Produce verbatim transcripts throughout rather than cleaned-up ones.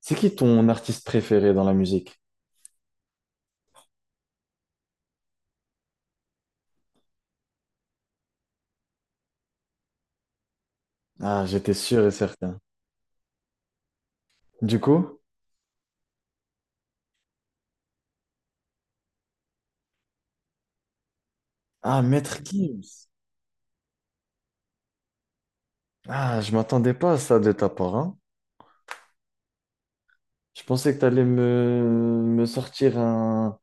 C'est qui ton artiste préféré dans la musique? Ah, j'étais sûr et certain. Du coup? Ah, Maître Gims. Ah, je m'attendais pas à ça de ta part, hein. Je pensais que t'allais me, me sortir un,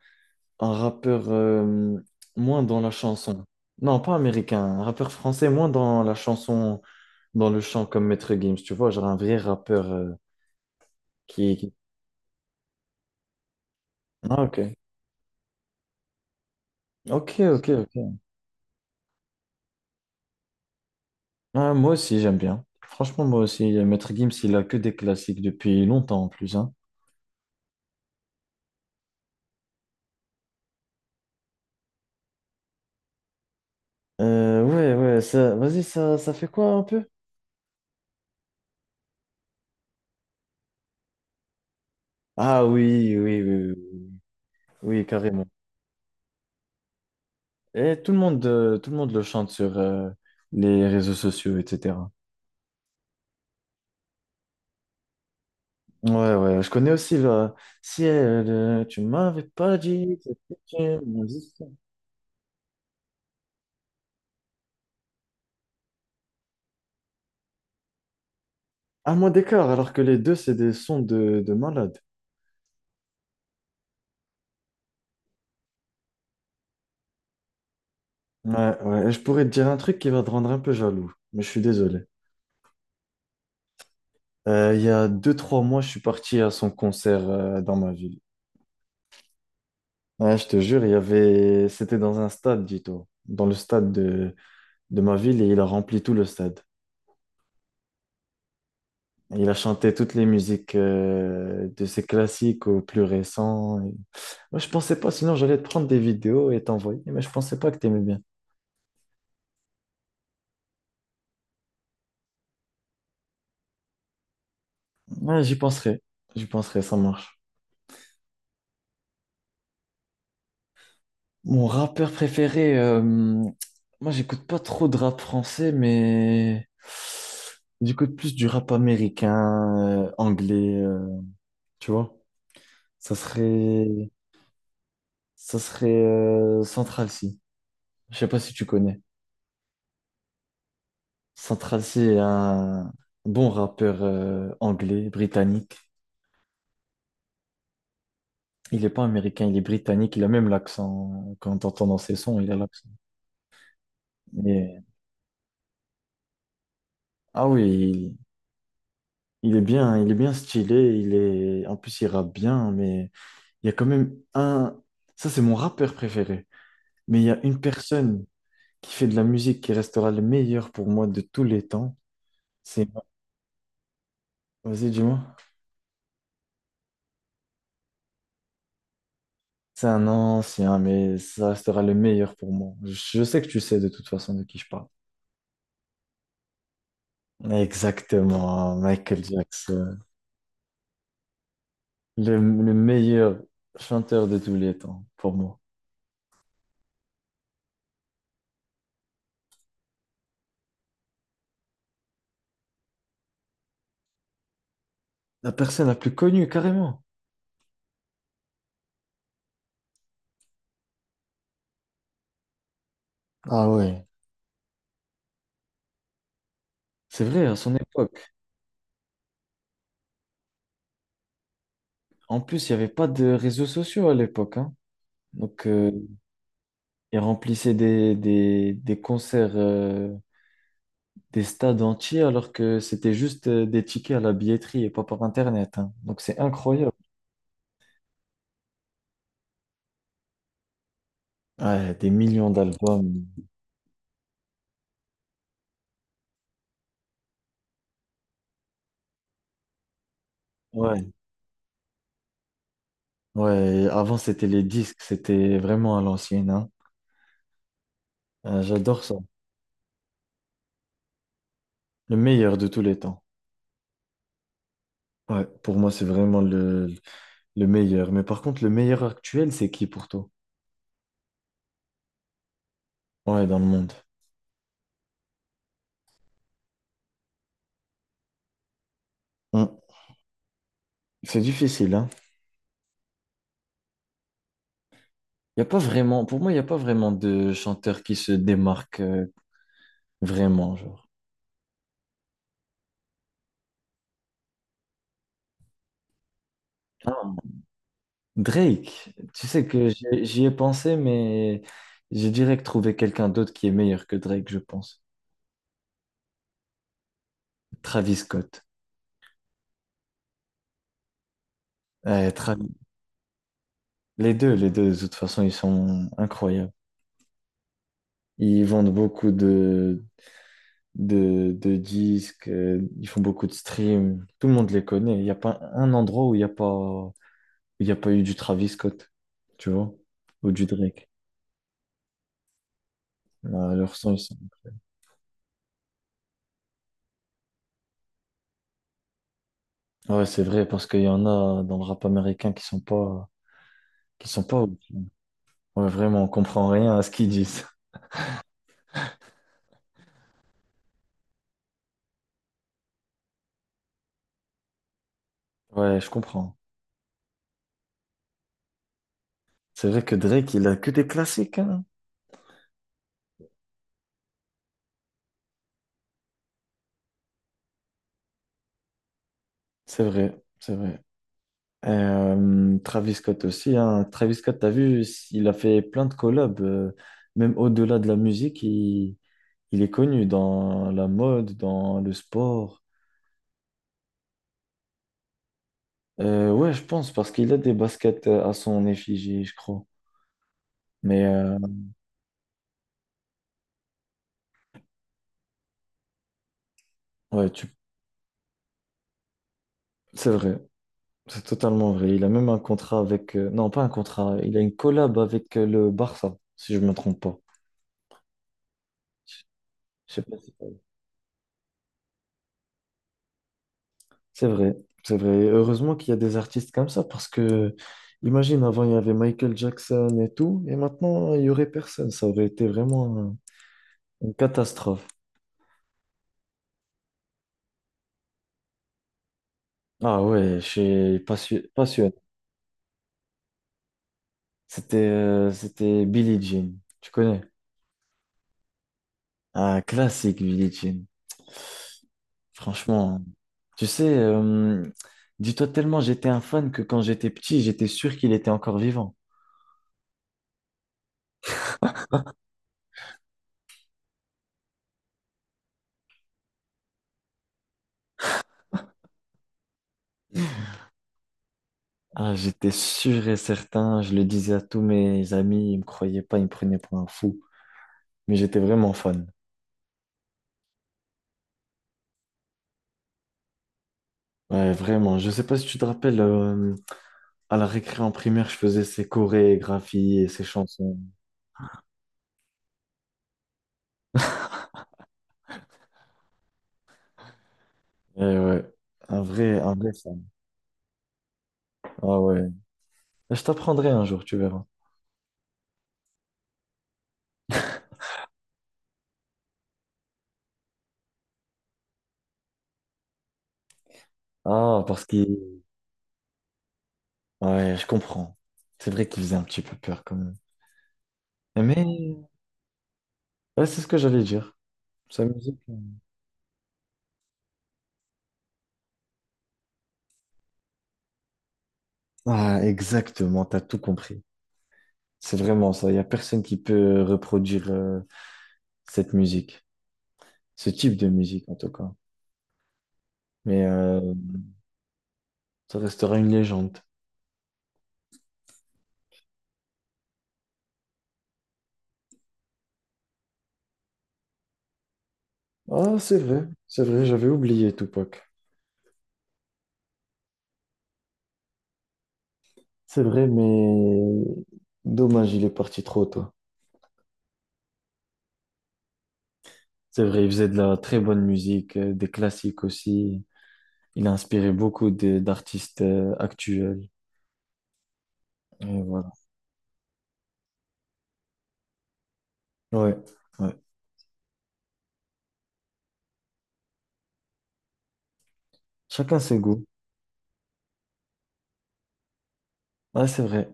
un rappeur euh, moins dans la chanson. Non, pas américain, un rappeur français moins dans la chanson, dans le chant comme Maître Gims, tu vois, genre un vrai rappeur euh, qui... qui- Ah, ok. Ok, ok, ok. Ah, moi aussi, j'aime bien. Franchement, moi aussi, Maître Gims, il a que des classiques depuis longtemps en plus, hein. Euh, ouais, ouais, ça, vas-y, ça, ça fait quoi un peu? Ah oui, oui, oui, oui, oui, oui, carrément. Et tout le monde, euh, tout le monde le chante sur euh, les réseaux sociaux, et cetera. Ouais, ouais, je connais aussi le Ciel, euh, tu m'avais pas dit que t'étais mon destin. Un mois d'écart, alors que les deux, c'est des sons de, de malade. Ouais, ouais, et je pourrais te dire un truc qui va te rendre un peu jaloux, mais je suis désolé. Euh, il y a deux, trois mois, je suis parti à son concert euh, dans ma ville. Ouais, je te jure, il y avait... c'était dans un stade, dis-toi, dans le stade de... de ma ville, et il a rempli tout le stade. Et Il a chanté toutes les musiques euh, de ses classiques aux plus récents. Et- Moi, je pensais pas, sinon j'allais te prendre des vidéos et t'envoyer, mais je pensais pas que t'aimais bien. Ouais, j'y penserai, j'y penserai, ça marche. Mon rappeur préféré, euh, moi, j'écoute pas trop de rap français, mais j'écoute plus du rap américain, euh, anglais, euh, tu vois. Ça serait ça serait euh, Central C. Je sais pas si tu connais. Central C est un bon rappeur euh, anglais, britannique. Il n'est pas américain, il est britannique. Il a même l'accent. Quand on entend dans ses sons, il a l'accent. Mais- Ah oui, il, il est bien, il est bien stylé. Il est... En plus, il rappe bien, mais il y a quand même un... Ça, c'est mon rappeur préféré. Mais il y a une personne qui fait de la musique qui restera le meilleur pour moi de tous les temps. C'est... Vas-y, dis-moi. C'est un ancien, mais ça restera le meilleur pour moi. Je sais que tu sais de toute façon de qui je parle. Exactement, Michael Jackson. Le, le meilleur chanteur de tous les temps, pour moi. La personne la plus connue, carrément. Ah ouais, c'est vrai, à son époque. En plus, il n'y avait pas de réseaux sociaux à l'époque, hein. Donc, euh, il remplissait des, des, des concerts, euh, des stades entiers, alors que c'était juste euh, des tickets à la billetterie et pas par Internet, hein. Donc, c'est incroyable. Ouais, des millions d'albums. Ouais, ouais. Avant, c'était les disques. C'était vraiment à l'ancienne, hein. Euh, j'adore ça. Le meilleur de tous les temps. Ouais, pour moi, c'est vraiment le, le meilleur. Mais par contre, le meilleur actuel, c'est qui pour toi? Ouais, dans le monde. Hum. C'est difficile, hein. Y a pas vraiment, pour moi, il n'y a pas vraiment de chanteur qui se démarque euh, vraiment, genre. Ah, Drake, tu sais que j'y j'y ai pensé, mais j'ai direct trouvé quelqu'un d'autre qui est meilleur que Drake, je pense. Travis Scott. Ouais, tra- Les deux, les deux, de toute façon, ils sont incroyables. Ils vendent beaucoup de, de, de disques, euh, ils font beaucoup de streams. Tout le monde les connaît. Il n'y a pas un endroit où il n'y a pas, où il y a pas eu du Travis Scott, tu vois, ou du Drake. Là, leur son, ils sont- Ouais, c'est vrai, parce qu'il y en a dans le rap américain qui sont pas, qui sont pas ouf. Ouais, vraiment, on comprend rien à ce qu'ils disent. Ouais, je comprends. C'est vrai que Drake, il a que des classiques, hein. C'est vrai, c'est vrai. Euh, Travis Scott aussi, hein. Travis Scott, t'as vu, il a fait plein de collabs, euh, même au-delà de la musique, il, il est connu dans la mode, dans le sport. Euh, ouais, je pense, parce qu'il a des baskets euh, à son effigie, je crois. Mais euh, ouais, tu... c'est vrai, c'est totalement vrai. Il a même un contrat avec... euh, Non, pas un contrat, il a une collab avec euh, le Barça, si je me trompe pas. Je je sais pas si... C'est vrai, c'est vrai. Heureusement qu'il y a des artistes comme ça parce que, imagine, avant il y avait Michael Jackson et tout, et maintenant il y aurait personne. Ça aurait été vraiment une catastrophe. Ah ouais, je suis passion- passionné. C'était euh, c'était Billie Jean, tu connais? Ah classique Billie Jean. Franchement, tu sais, euh, dis-toi tellement j'étais un fan que quand j'étais petit, j'étais sûr qu'il était encore vivant. Ah, j'étais sûr et certain, je le disais à tous mes amis, ils me croyaient pas, ils me prenaient pour un fou, mais j'étais vraiment fan. Ouais, vraiment. Je sais pas si tu te rappelles, euh, à la récré en primaire, je faisais ses chorégraphies et ses chansons. Eh ouais, un vrai, un vrai fan. Ah ouais. Je t'apprendrai un jour, tu verras. Ah, parce qu'il... Ouais, je comprends. C'est vrai qu'il faisait un petit peu peur quand même. Mais ouais, c'est ce que j'allais dire. Sa musique. euh. Ah, exactement, t'as tout compris. C'est vraiment ça. Il n'y a personne qui peut reproduire euh, cette musique, ce type de musique en tout cas. Mais euh, ça restera une légende. Ah, c'est vrai, c'est vrai, j'avais oublié Tupac. C'est vrai, mais dommage, il est parti trop tôt. C'est vrai, il faisait de la très bonne musique, euh, des classiques aussi. Il a inspiré beaucoup de- d'artistes euh, actuels. Et voilà. Ouais, ouais. Chacun ses goûts. Ah, c'est vrai.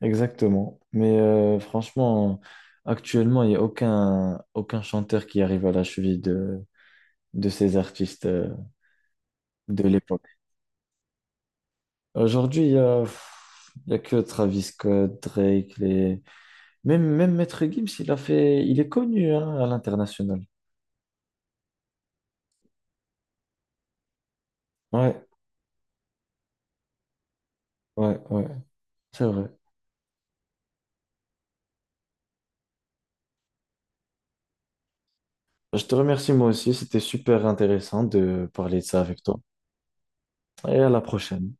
Exactement. Mais euh, franchement, actuellement, il n'y a aucun, aucun chanteur qui arrive à la cheville de, de ces artistes euh, de l'époque. Aujourd'hui, il y a, pff, il y a que Travis Scott, Drake, les... même, même Maître Gims, il a fait... il est connu hein, à l'international. Ouais, ouais, ouais, c'est vrai. Je te remercie moi aussi, c'était super intéressant de parler de ça avec toi. Et à la prochaine.